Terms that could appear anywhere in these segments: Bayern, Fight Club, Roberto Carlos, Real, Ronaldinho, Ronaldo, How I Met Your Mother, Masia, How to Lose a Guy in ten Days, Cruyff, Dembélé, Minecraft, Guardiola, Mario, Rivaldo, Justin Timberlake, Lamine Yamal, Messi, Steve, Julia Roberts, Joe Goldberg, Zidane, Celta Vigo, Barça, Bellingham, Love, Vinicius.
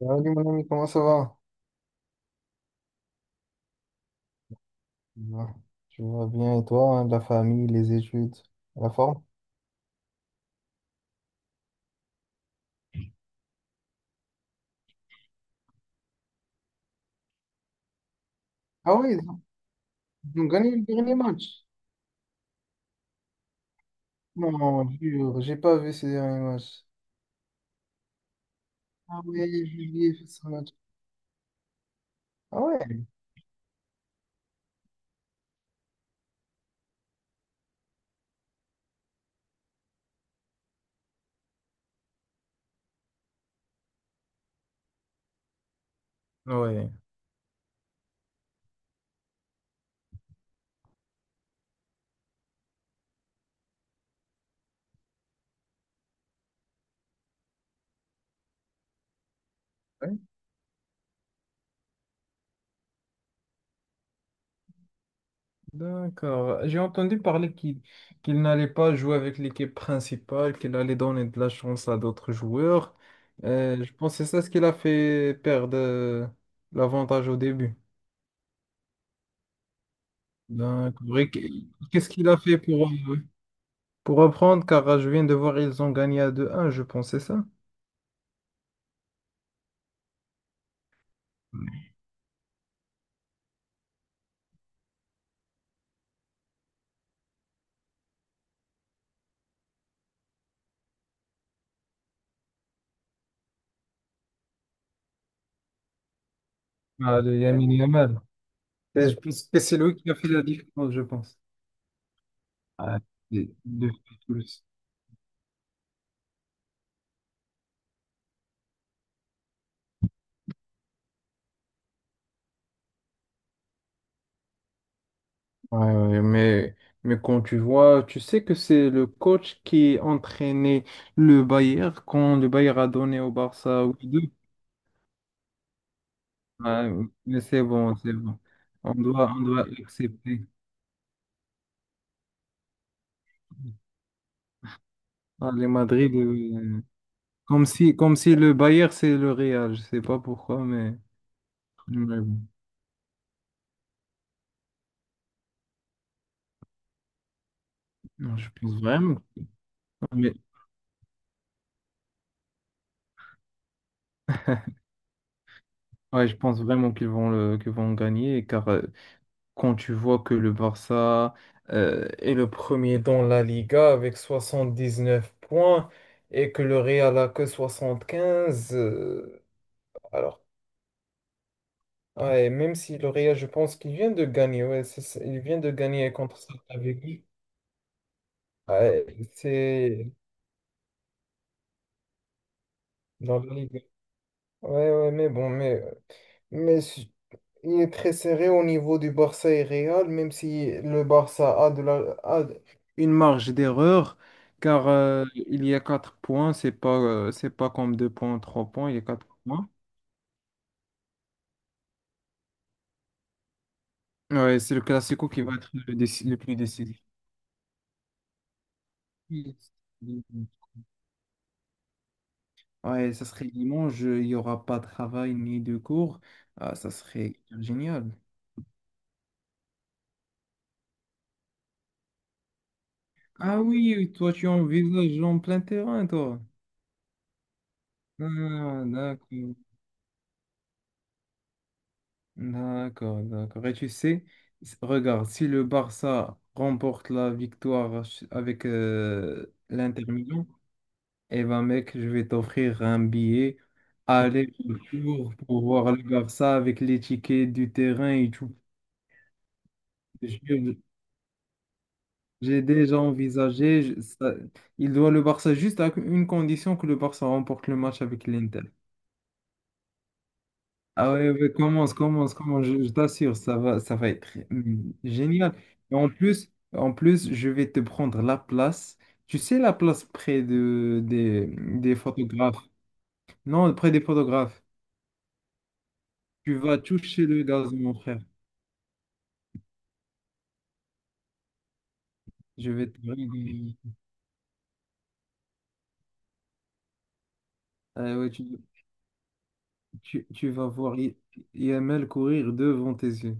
Salut mon ami, comment ça va? Bah, tu vas bien et toi, hein, la famille, les études, la forme? Ah oui, ils ont gagné le dernier match. Mon Dieu, j'ai pas vu ces derniers matchs. Ah oui, Julien fait son match. Ah ouais? Ouais, ouais, d'accord. J'ai entendu parler qu'il n'allait pas jouer avec l'équipe principale, qu'il allait donner de la chance à d'autres joueurs. Je pense que c'est ça ce qu'il a fait perdre l'avantage au début. D'accord. Et qu'est-ce qu'il a fait pour reprendre, car je viens de voir, ils ont gagné à 2-1, je pense, c'est ça? Ah, le Yamin Yamal. Et je pense que c'est lui qui a fait la différence, je pense. Ah, deux plus. Ouais, ouais, mais quand tu vois, tu sais que c'est le coach qui entraînait le Bayern quand le Bayern a donné au Barça 8 deux. Ouais, mais c'est bon, c'est bon. On doit accepter. Ah, les Madrid, comme si le Bayern, c'est le Real. Je sais pas pourquoi, mais bon. Non, je pense vraiment, mais ouais, je pense vraiment qu'ils vont gagner, car quand tu vois que le Barça est le premier dans la Liga avec 79 points et que le Real a que 75, alors ouais, même si le Real, je pense qu'il vient de gagner, ouais, c'est ça, il vient de gagner contre Celta Vigo, ouais, c'est dans la Liga. Ouais, ouais, mais bon, mais si- il est très serré au niveau du Barça et Real, même si le Barça a, de la, a de- une marge d'erreur, car il y a 4 points, c'est pas comme 2 points, 3 points, il y a 4 points. Ouais, c'est le Classico qui va être le plus décisif. Ouais, ça serait dimanche, il n'y aura pas de travail ni de cours. Ah, ça serait génial. Ah oui, toi tu envisages en plein terrain, toi. Ah, d'accord. D'accord, d'accord. Et tu sais, regarde, si le Barça remporte la victoire avec l'Inter Milan, eh ben mec, je vais t'offrir un billet aller-retour pour voir le Barça avec les tickets du terrain et tout. Je- J'ai déjà envisagé, il doit le Barça juste à une condition que le Barça remporte le match avec l'Inter. Ah ouais, ouais, commence, commence, commence, je t'assure, ça va être génial. Et en plus, je vais te prendre la place. Tu sais, la place près des photographes. Non, près des photographes. Tu vas toucher le gazon, mon frère. Je vais te briller. Ah ouais, tu vas voir IML courir devant tes yeux.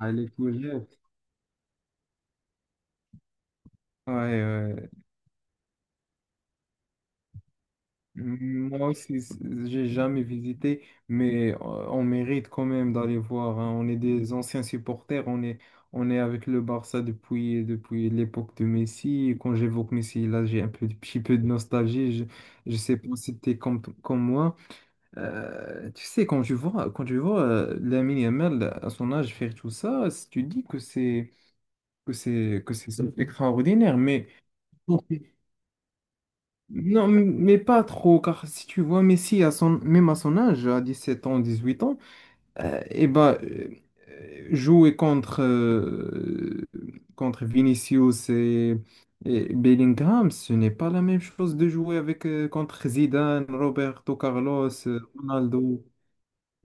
Allez courir. Ouais, ouais. Moi aussi, j'ai jamais visité, mais on mérite quand même d'aller voir, hein. On est des anciens supporters, on est avec le Barça depuis l'époque de Messi. Et quand j'évoque Messi, là, j'ai petit peu de nostalgie. Je sais pas si t'es comme moi. Tu sais, quand je vois Lamine Yamal à son âge faire tout ça, si tu dis que c'est extraordinaire. Non, mais pas trop, car si tu vois Messi, même à son âge, à 17 ans, 18 ans, et bah, eh ben, jouer contre, contre Vinicius et Bellingham, ce n'est pas la même chose de jouer contre Zidane, Roberto Carlos, Ronaldo,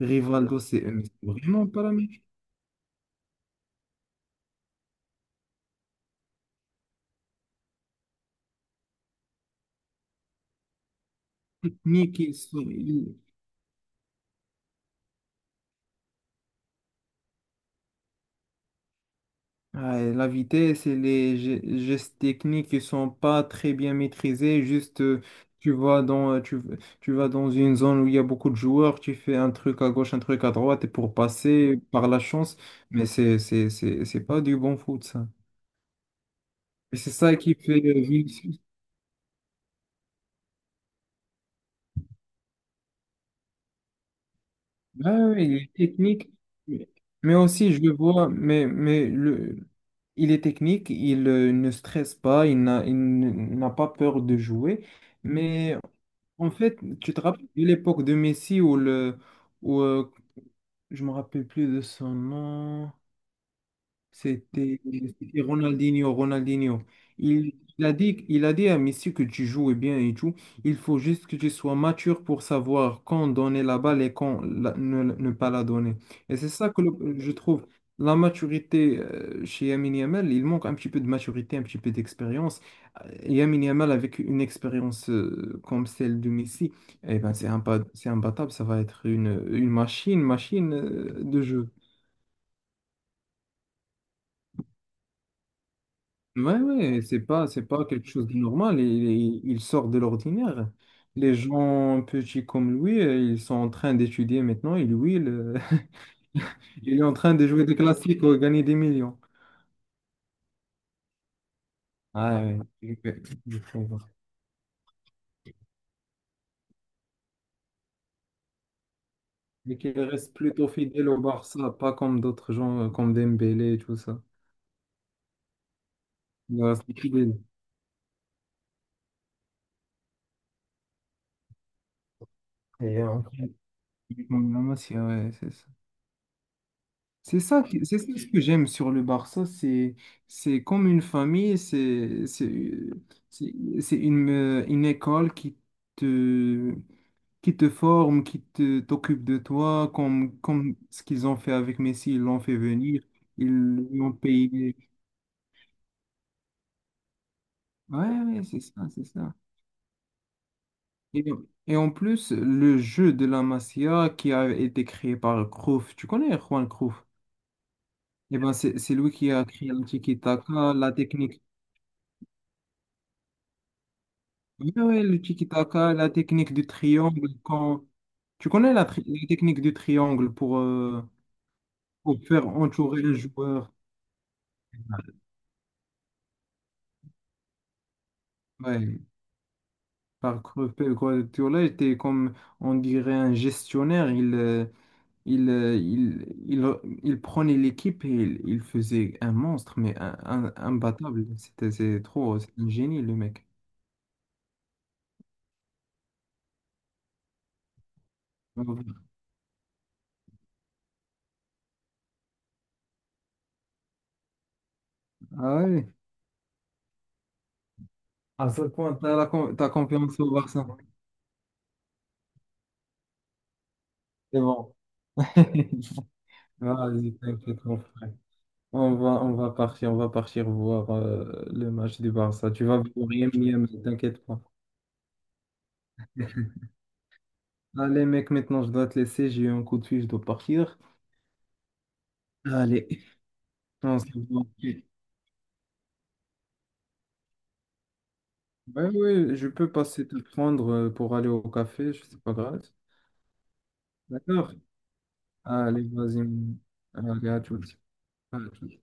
Rivaldo, c'est vraiment pas la même chose. Ni qu'ils sont- Ouais, la vitesse et les gestes techniques qui sont pas très bien maîtrisés. Juste, tu vas dans, tu, tu vas dans une zone où il y a beaucoup de joueurs, tu fais un truc à gauche, un truc à droite, et pour passer par la chance, mais c'est pas du bon foot, ça. Et c'est ça qui fait Vinicius. Ouais, ouais, ouais, il est technique, mais mais aussi, je le vois, il est technique, il ne stresse pas, il n'a, il n- n'a pas peur de jouer. Mais En fait, tu te rappelles de l'époque de Messi où, euh, je me rappelle plus de son nom. C'était c'était Ronaldinho, Ronaldinho. Il a dit à Messi que tu joues bien et tout. Il faut juste que tu sois mature pour savoir quand donner la balle et quand ne pas la donner. Et c'est ça que je trouve. La maturité chez Lamine Yamal, il manque un petit peu de maturité, un petit peu d'expérience. Lamine Yamal avec une expérience comme celle de Messi, eh ben, c'est imbattable, ça va être une machine, machine de jeu. Ouais, ouais, c'est pas quelque chose de normal. Il sort de l'ordinaire. Les gens petits comme lui, ils sont en train d'étudier maintenant. Et lui, il est en train de jouer des classiques ou gagner des millions. Ah, ouais, je peux voir. Mais qu'il reste plutôt fidèle au Barça, pas comme d'autres gens, comme Dembélé et tout ça. Il reste fidèle. Et, comme Lamassia, ouais, c'est ça ce que j'aime sur le Barça, c'est comme une famille, c'est c'est une école te qui te forme, qui te t'occupe de toi, comme ce qu'ils ont fait avec Messi, ils l'ont fait venir, ils lui ont payé. Ouais, ouais, c'est ça, c'est ça. Et, et en plus, le jeu de la Masia qui a été créé par Cruyff, tu connais Juan Cruyff? Eh ben, c'est lui qui a créé le tiki-taka, la technique. Oui, oui, le tiki-taka, la technique du triangle, quand. Tu connais la technique du triangle pour faire entourer un joueur. Ouais, par Guardiola était comme, on dirait, un gestionnaire. Il, euh, il, il, il prenait l'équipe et il faisait un monstre, mais imbattable. C'est trop, c'est un génie, le mec. Ah ouais, ah ouais. À ce point, t'as t'as confiance au Barça. C'est bon. Vas-y, t'inquiète, mon frère. On va partir voir le match du Barça. Tu vas voir rien, rien, mais t'inquiète pas. Allez, mec, maintenant je dois te laisser. J'ai eu un coup de fil, je dois partir. Allez, on se voit. Ouais, ouais, je peux passer te prendre pour aller au café. C'est pas grave. D'accord. Allez, vas-y. Allez, à toutes. À toutes.